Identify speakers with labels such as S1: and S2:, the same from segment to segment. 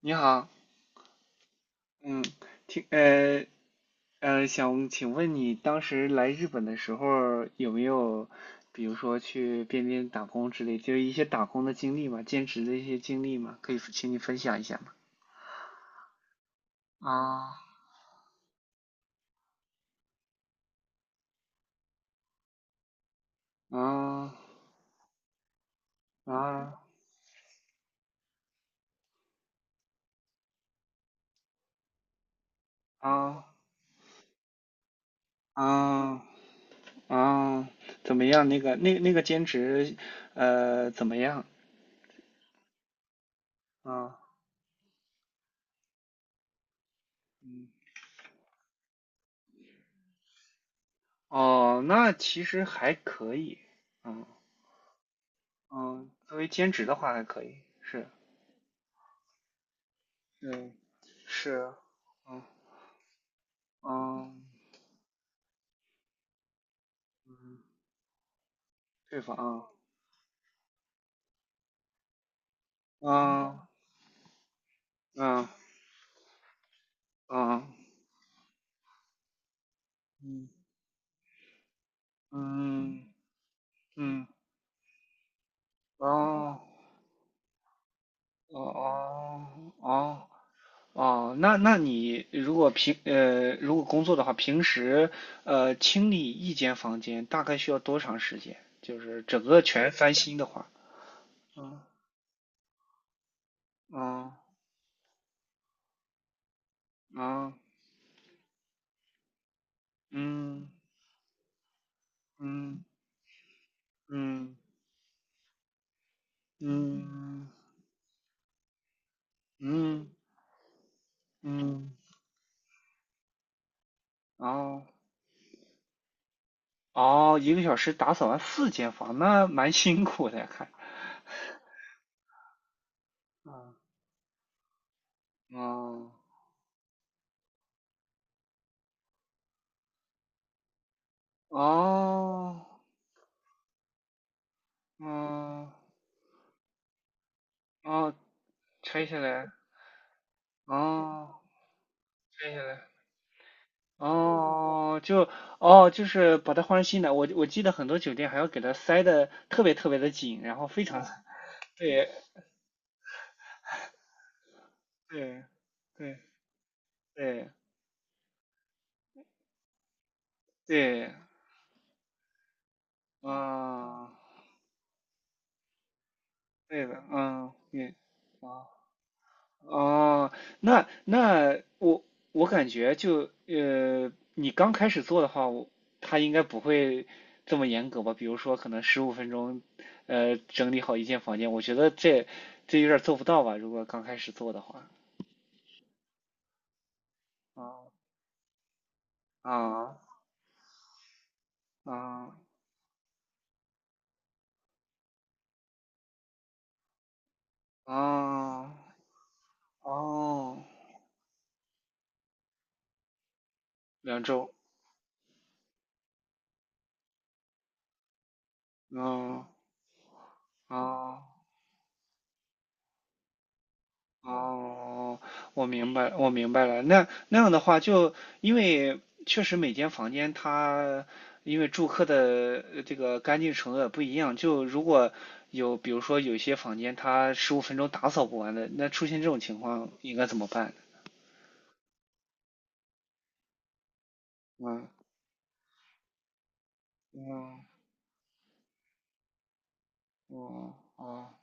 S1: 你好，嗯，听，呃，想请问你当时来日本的时候有没有，比如说去边边打工之类，就是一些打工的经历嘛，兼职的一些经历嘛，可以请你分享一下吗？啊，啊啊啊啊啊！怎么样？那个兼职，怎么样？啊，嗯，哦，那其实还可以，嗯嗯，作为兼职的话还可以，是，嗯，是，嗯嗯嗯，退房，嗯嗯嗯嗯嗯嗯，哦哦哦哦哦，那你如果工作的话，平时清理一间房间大概需要多长时间？就是整个全翻新的话，嗯嗯嗯嗯嗯嗯嗯嗯嗯，哦。哦，一个小时打扫完四间房，那蛮辛苦的呀，看。啊，哦，哦，哦，哦，拆下来，哦，拆下来，哦，就，哦，就是把它换成新的。我记得很多酒店还要给它塞的特别特别的紧，然后非常，对，对，对，对，对，啊，嗯对的，嗯，对，啊。哦，那我感觉就你刚开始做的话，他应该不会这么严格吧？比如说，可能十五分钟，整理好一间房间，我觉得这有点儿做不到吧？如果刚开始做的话。哦啊啊啊哦，2周，嗯啊。哦哦，我明白，我明白了。那样的话就，因为确实每间房间它因为住客的这个干净程度也不一样，就如果有比如说有些房间它十五分钟打扫不完的，那出现这种情况应该怎么办呢？嗯嗯嗯哦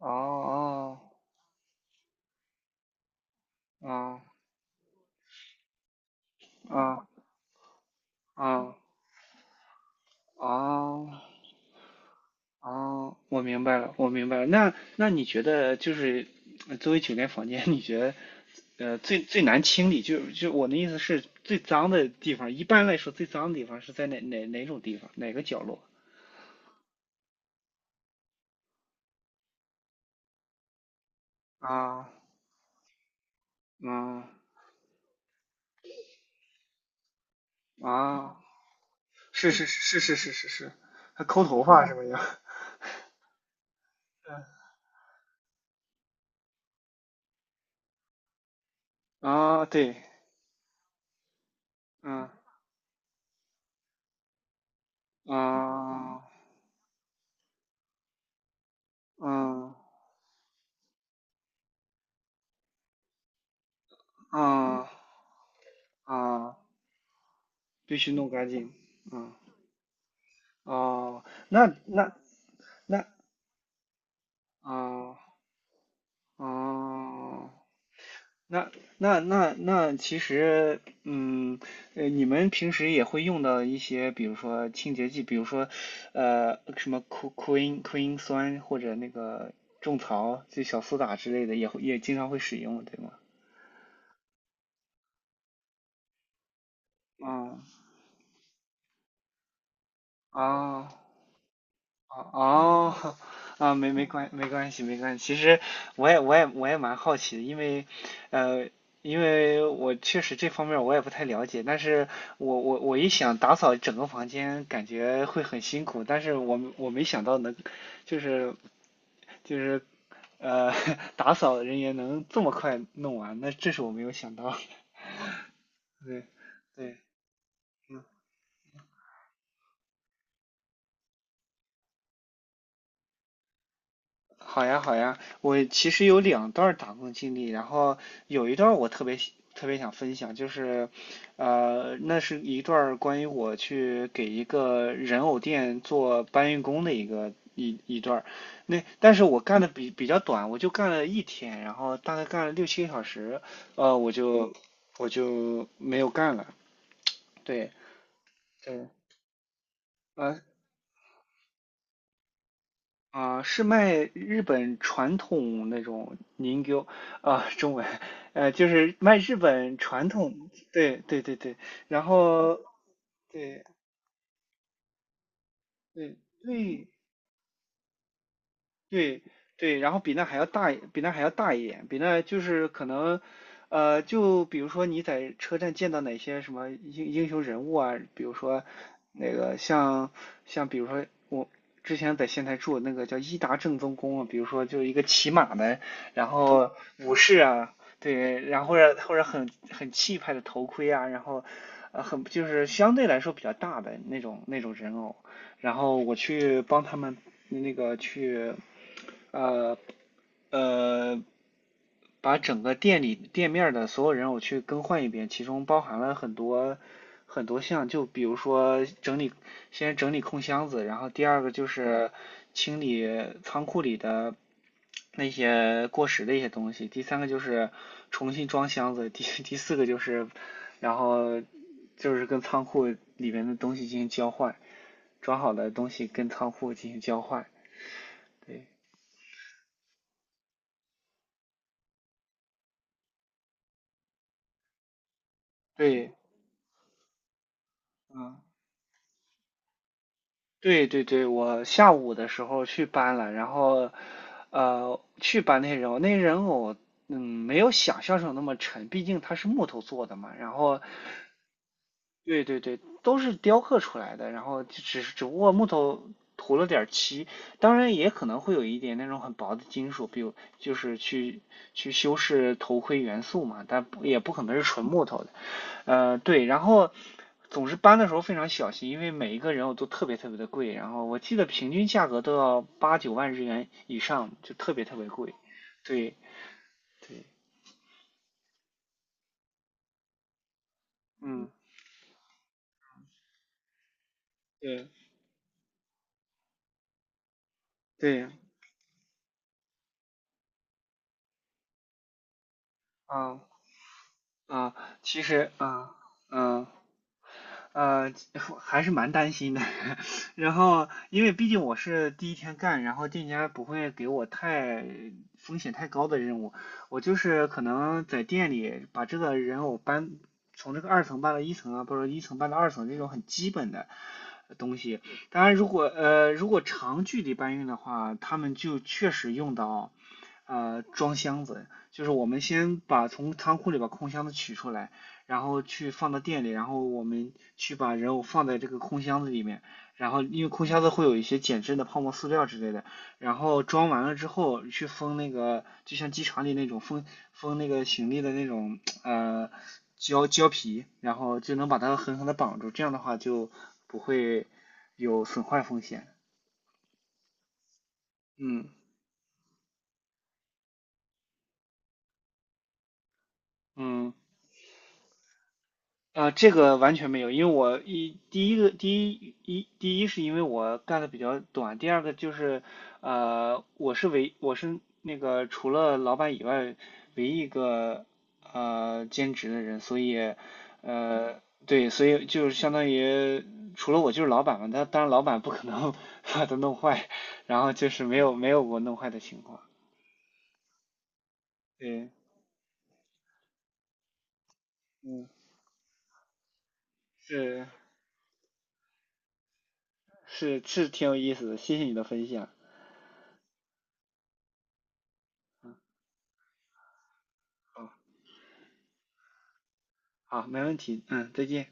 S1: 哦哦哦哦哦哦。哦，我明白了，我明白了。那你觉得就是作为酒店房间，你觉得呃最最难清理，就我的意思是最脏的地方，一般来说最脏的地方是在哪种地方，哪个角落？啊，嗯啊，是是是是是是是，还抠头发是什么呀？啊，对，嗯啊嗯啊啊，必须弄干净。嗯哦，那啊哦，那那，其实，嗯，你们平时也会用到一些，比如说清洁剂，比如说，什么 Q Q 因 Q 因酸或者那个种草，就小苏打之类的，也会也经常会使用，对吗？啊啊。哦，啊，没关系。其实我也蛮好奇的，因为呃，因为我确实这方面我也不太了解，但是我一想打扫整个房间，感觉会很辛苦，但是我没想到能就是就是呃 打扫人员能这么快弄完，那这是我没有想到。对对，嗯好呀，好呀，我其实有两段儿打工经历，然后有一段儿我特别想分享，就是，那是一段儿关于我去给一个人偶店做搬运工的一个一段儿那但是我干的比较短，我就干了一天，然后大概干了六七个小时，呃，我就我就没有干了，对，对，啊，是卖日本传统那种凝 i 啊，中文，就是卖日本传统，对对对对，然后对对对，对对，然后比那还要大一点，比那就是可能，就比如说你在车站见到哪些什么英雄人物啊，比如说那个像比如说我之前在仙台住那个叫伊达正宗宫啊，比如说就是一个骑马的，然后武士啊，对，然后或者或者很气派的头盔啊，然后很就是相对来说比较大的那种人偶，然后我去帮他们那个去。呃呃，把整个店面儿的所有人我去更换一遍，其中包含了很多很多项，就比如说整理，先整理空箱子，然后第二个就是清理仓库里的那些过时的一些东西，第三个就是重新装箱子，第四个就是然后就是跟仓库里面的东西进行交换，装好的东西跟仓库进行交换，对对，嗯。对对对，我下午的时候去搬了，然后，去搬那些人偶，那些人偶，嗯，没有想象中那么沉，毕竟它是木头做的嘛。然后对对对，都是雕刻出来的，然后就只是只不过木头涂了点儿漆，当然也可能会有一点那种很薄的金属，比如就是去修饰头盔元素嘛，但不也不可能是纯木头的。对，然后总之搬的时候非常小心，因为每一个人偶都特别特别的贵，然后我记得平均价格都要八九万日元以上，就特别特别贵。对对，嗯，对对，啊啊，其实啊嗯。呃，还是蛮担心的。然后，因为毕竟我是第一天干，然后店家不会给我太风险太高的任务，我就是可能在店里把这个人偶搬从这个二层搬到一层啊，或者一层搬到二层这种很基本的东西。当然，如果如果长距离搬运的话，他们就确实用到装箱子，就是我们先把从仓库里把空箱子取出来。然后去放到店里，然后我们去把人偶放在这个空箱子里面，然后因为空箱子会有一些减震的泡沫塑料之类的，然后装完了之后去封那个，就像机场里那种封那个行李的那种胶皮，然后就能把它狠狠的绑住，这样的话就不会有损坏风险。嗯嗯，啊，这个完全没有，因为我一第一个第一一第一是因为我干的比较短，第二个就是我是那个除了老板以外唯一一个兼职的人，所以呃对，所以就是相当于除了我就是老板嘛，他当然老板不可能 把它弄坏，然后就是没有过弄坏的情况，对，嗯，是是是挺有意思的，谢谢你的分享，好，好，没问题，嗯，再见。